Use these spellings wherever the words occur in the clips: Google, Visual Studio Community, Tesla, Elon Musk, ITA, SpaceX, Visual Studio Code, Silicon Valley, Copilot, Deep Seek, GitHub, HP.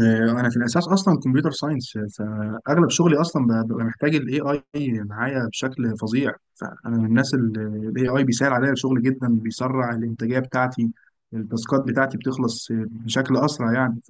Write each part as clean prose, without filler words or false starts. آه، انا في الاساس اصلا كمبيوتر ساينس، فاغلب شغلي اصلا ببقى محتاج الاي اي معايا بشكل فظيع، فانا من الناس اللي الاي اي بيسهل عليا الشغل جدا، بيسرع الانتاجيه بتاعتي. التاسكات بتاعتي بتخلص بشكل اسرع يعني.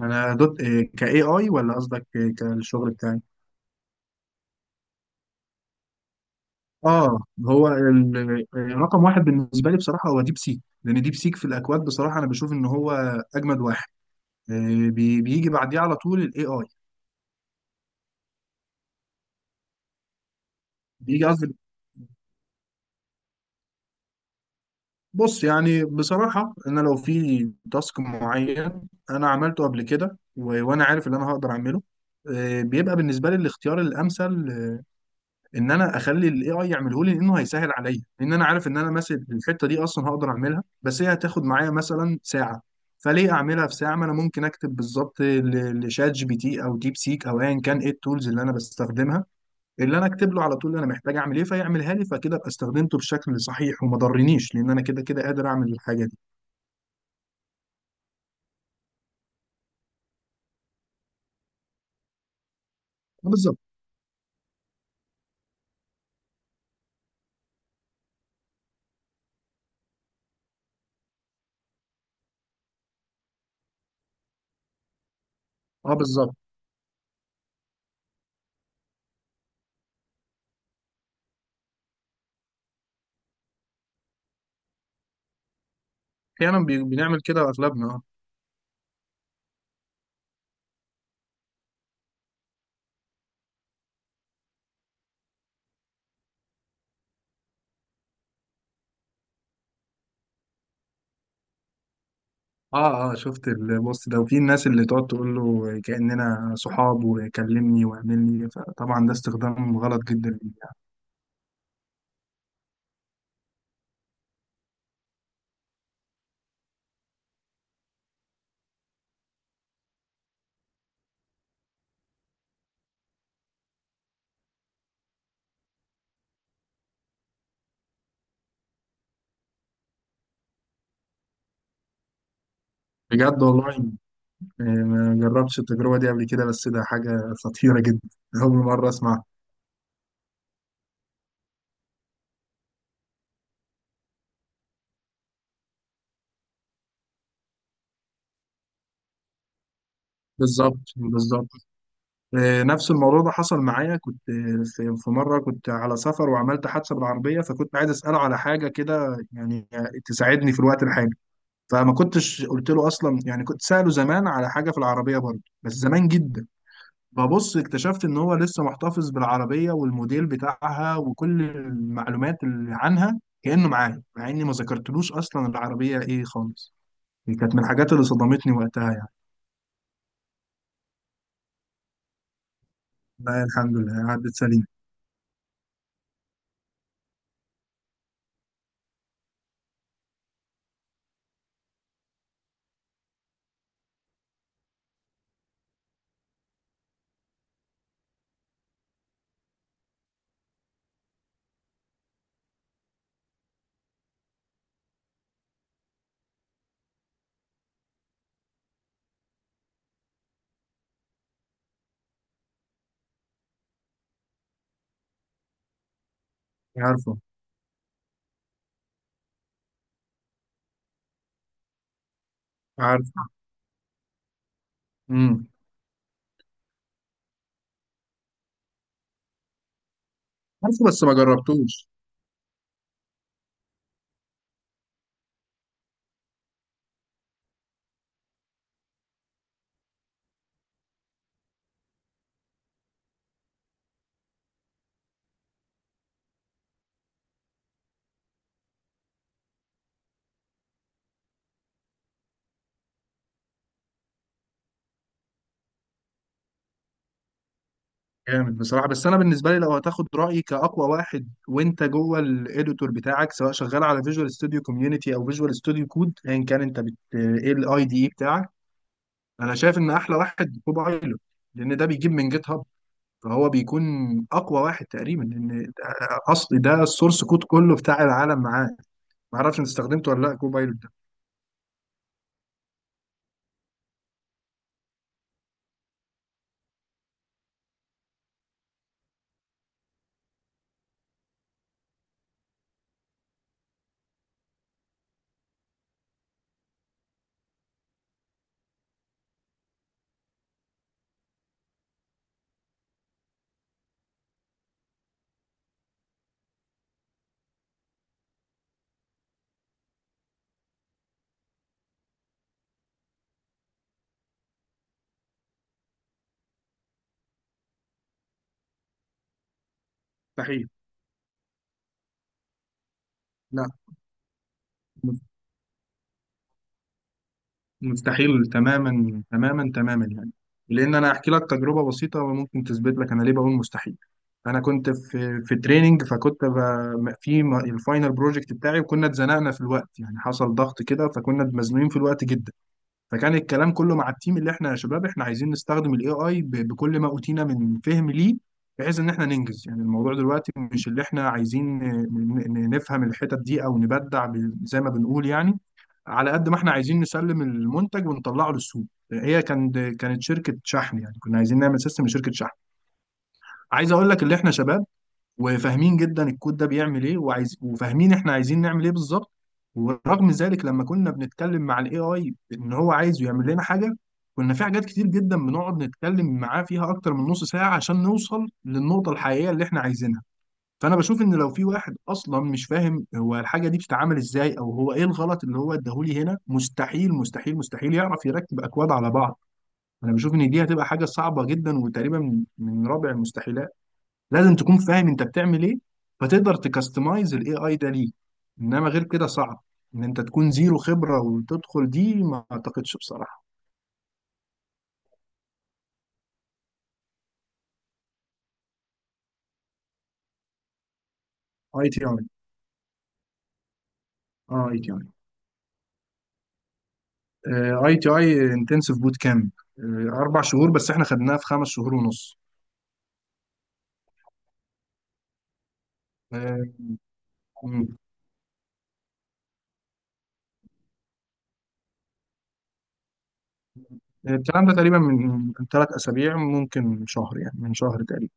انا دوت كاي اي، ولا قصدك كالشغل بتاعي؟ اه. هو رقم واحد بالنسبه لي بصراحه هو ديب سيك، لان ديب سيك في الاكواد بصراحه انا بشوف ان هو اجمد واحد. بيجي بعديه على طول الاي اي. بيجي قصدي. بص، يعني بصراحة أنا لو في تاسك معين أنا عملته قبل كده وأنا عارف إن أنا هقدر أعمله، بيبقى بالنسبة لي الاختيار الأمثل إن أنا أخلي ال AI يعمله لي، لأنه هيسهل عليا، لأن أنا عارف إن أنا مثلا الحتة دي أصلا هقدر أعملها، بس هي هتاخد معايا مثلا ساعة. فليه أعملها في ساعة ما أنا ممكن أكتب بالظبط لشات جي بي تي أو ديب سيك أو أيا كان إيه التولز اللي أنا بستخدمها، اللي انا اكتب له على طول انا محتاج اعمل ايه، فيعملها لي. فكده ابقى استخدمته بشكل صحيح وما ضرنيش، لان انا كده كده قادر اعمل الحاجه. بالظبط. اه بالظبط. احيانا بنعمل كده اغلبنا، اه. اه، شفت البوست ده وفي الناس اللي تقعد تقول له كأننا صحاب وكلمني واعملني، فطبعا ده استخدام غلط جدا ليه يعني. بجد والله. ما جربتش التجربة دي قبل كده، بس ده حاجة خطيرة جدا. أول مرة أسمعها. بالظبط بالظبط. نفس الموضوع ده حصل معايا. كنت في مرة كنت على سفر وعملت حادثة بالعربية، فكنت عايز أسأله على حاجة كده يعني تساعدني في الوقت الحالي. فما كنتش قلت له اصلا يعني، كنت ساله زمان على حاجه في العربيه برضه بس زمان جدا. ببص اكتشفت ان هو لسه محتفظ بالعربيه والموديل بتاعها وكل المعلومات اللي عنها كانه معايا، مع اني ما ذكرتلوش اصلا العربيه ايه خالص. دي كانت من الحاجات اللي صدمتني وقتها يعني. لا، الحمد لله عدت سليم. عارفه. عارفه. امم. عارفه بس ما جربتوش. جامد بصراحة. بس أنا بالنسبة لي لو هتاخد رأيي كأقوى واحد وأنت جوه الإديتور بتاعك، سواء شغال على فيجوال ستوديو كوميونيتي أو فيجوال ستوديو كود أيا كان أنت بت إيه الأي دي إي بتاعك، أنا شايف إن أحلى واحد كوبايلوت، لأن ده بيجيب من جيت هاب، فهو بيكون أقوى واحد تقريبا، لأن أصل ده السورس كود كله بتاع العالم معاه. معرفش أنت استخدمته ولا لأ كوبايلوت ده؟ مستحيل. لا. مستحيل تماما تماما تماما يعني. لان انا احكي لك تجربه بسيطه وممكن تثبت لك انا ليه بقول مستحيل. انا كنت في تريننج، فكنت الفاينل بروجكت بتاعي، وكنا اتزنقنا في الوقت، يعني حصل ضغط كده فكنا مزنوقين في الوقت جدا. فكان الكلام كله مع التيم اللي احنا يا شباب احنا عايزين نستخدم الاي اي بكل ما اوتينا من فهم ليه، بحيث ان احنا ننجز يعني. الموضوع دلوقتي مش اللي احنا عايزين نفهم الحتت دي او نبدع زي ما بنقول يعني، على قد ما احنا عايزين نسلم المنتج ونطلعه للسوق. هي كانت شركه شحن، يعني كنا عايزين نعمل سيستم لشركه شحن. عايز اقول لك اللي احنا شباب وفاهمين جدا الكود ده بيعمل ايه وعايز وفاهمين احنا عايزين نعمل ايه بالظبط، ورغم ذلك لما كنا بنتكلم مع الاي اي ان هو عايزه يعمل لنا حاجه، كنا في حاجات كتير جدا بنقعد نتكلم معاه فيها اكتر من نص ساعه عشان نوصل للنقطه الحقيقيه اللي احنا عايزينها. فانا بشوف ان لو في واحد اصلا مش فاهم هو الحاجه دي بتتعمل ازاي او هو ايه الغلط اللي هو اداهولي هنا، مستحيل مستحيل مستحيل يعرف يركب اكواد على بعض. انا بشوف ان دي هتبقى حاجه صعبه جدا وتقريبا من رابع المستحيلات. لازم تكون فاهم انت بتعمل ايه فتقدر تكستمايز الاي اي ده ليك، انما غير كده صعب ان انت تكون زيرو خبرة وتدخل دي، ما اعتقدش بصراحة. اي تي اي. اه اي تي اي. اي تي اي انتنسيف بوت كامب. 4 شهور، بس احنا خدناها في 5 شهور ونص. آه، مم. الكلام ده تقريبا من 3 اسابيع ممكن شهر، يعني من شهر تقريبا.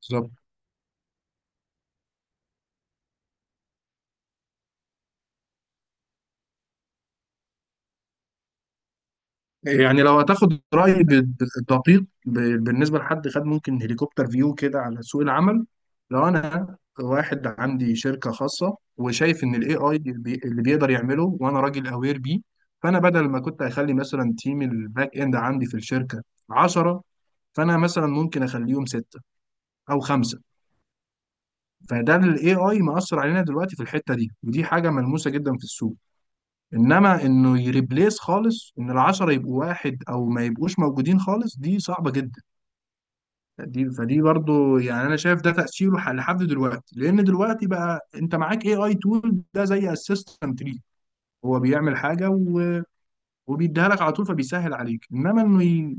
بالظبط. يعني لو هتاخد رأيي بالدقيق بالنسبة لحد خد ممكن هليكوبتر فيو كده على سوق العمل. لو أنا واحد عندي شركة خاصة وشايف إن ال AI اللي بيقدر يعمله وأنا راجل أوير بيه، فأنا بدل ما كنت أخلي مثلا تيم الباك إند عندي في الشركة 10، فأنا مثلا ممكن أخليهم 6 أو 5. فده ال AI مأثر علينا دلوقتي في الحتة دي، ودي حاجة ملموسة جدا في السوق. انما انه يريبليس خالص ان العشرة يبقوا واحد او ما يبقوش موجودين خالص، دي صعبة جدا. دي فدي برضو يعني، انا شايف ده تأثيره لحد دلوقتي، لان دلوقتي بقى انت معاك اي اي تول ده زي اسيستنت ليك، هو بيعمل حاجة وبيديها لك على طول فبيسهل عليك، انما انه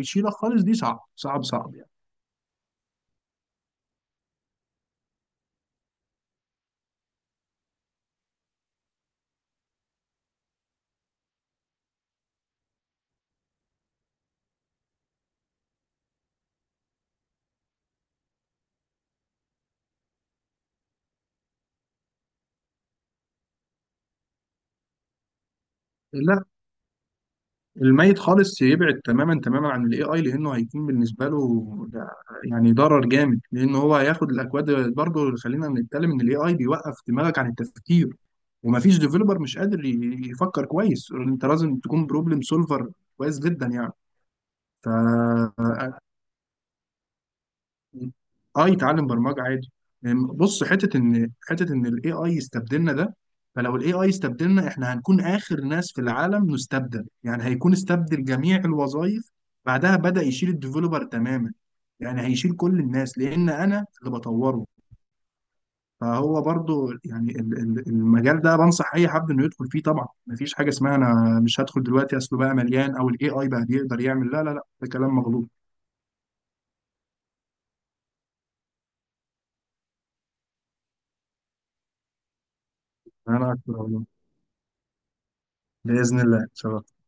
يشيلك خالص دي صعب صعب صعب يعني. لا، الميت خالص يبعد تماما تماما عن الاي اي، لانه هيكون بالنسبه له ده يعني ضرر جامد، لانه هو هياخد الاكواد برضه. خلينا نتكلم ان الاي اي بيوقف دماغك عن التفكير، ومفيش ديفلوبر مش قادر يفكر كويس. انت لازم تكون بروبلم سولفر كويس جدا يعني. ف اه يتعلم برمجه عادي. يعني بص، حته ان الاي اي يستبدلنا ده، فلو الاي اي استبدلنا احنا هنكون اخر ناس في العالم نستبدل، يعني هيكون استبدل جميع الوظائف بعدها بدأ يشيل الديفلوبر تماما. يعني هيشيل كل الناس لان انا اللي بطوره. فهو برضو يعني المجال ده بنصح اي حد انه يدخل فيه طبعا، مفيش حاجه اسمها انا مش هدخل دلوقتي اصله بقى مليان او الاي اي بقى بيقدر يعمل، لا لا لا ده كلام مغلوط. انا اكتر والله. باذن الله ان شاء الله.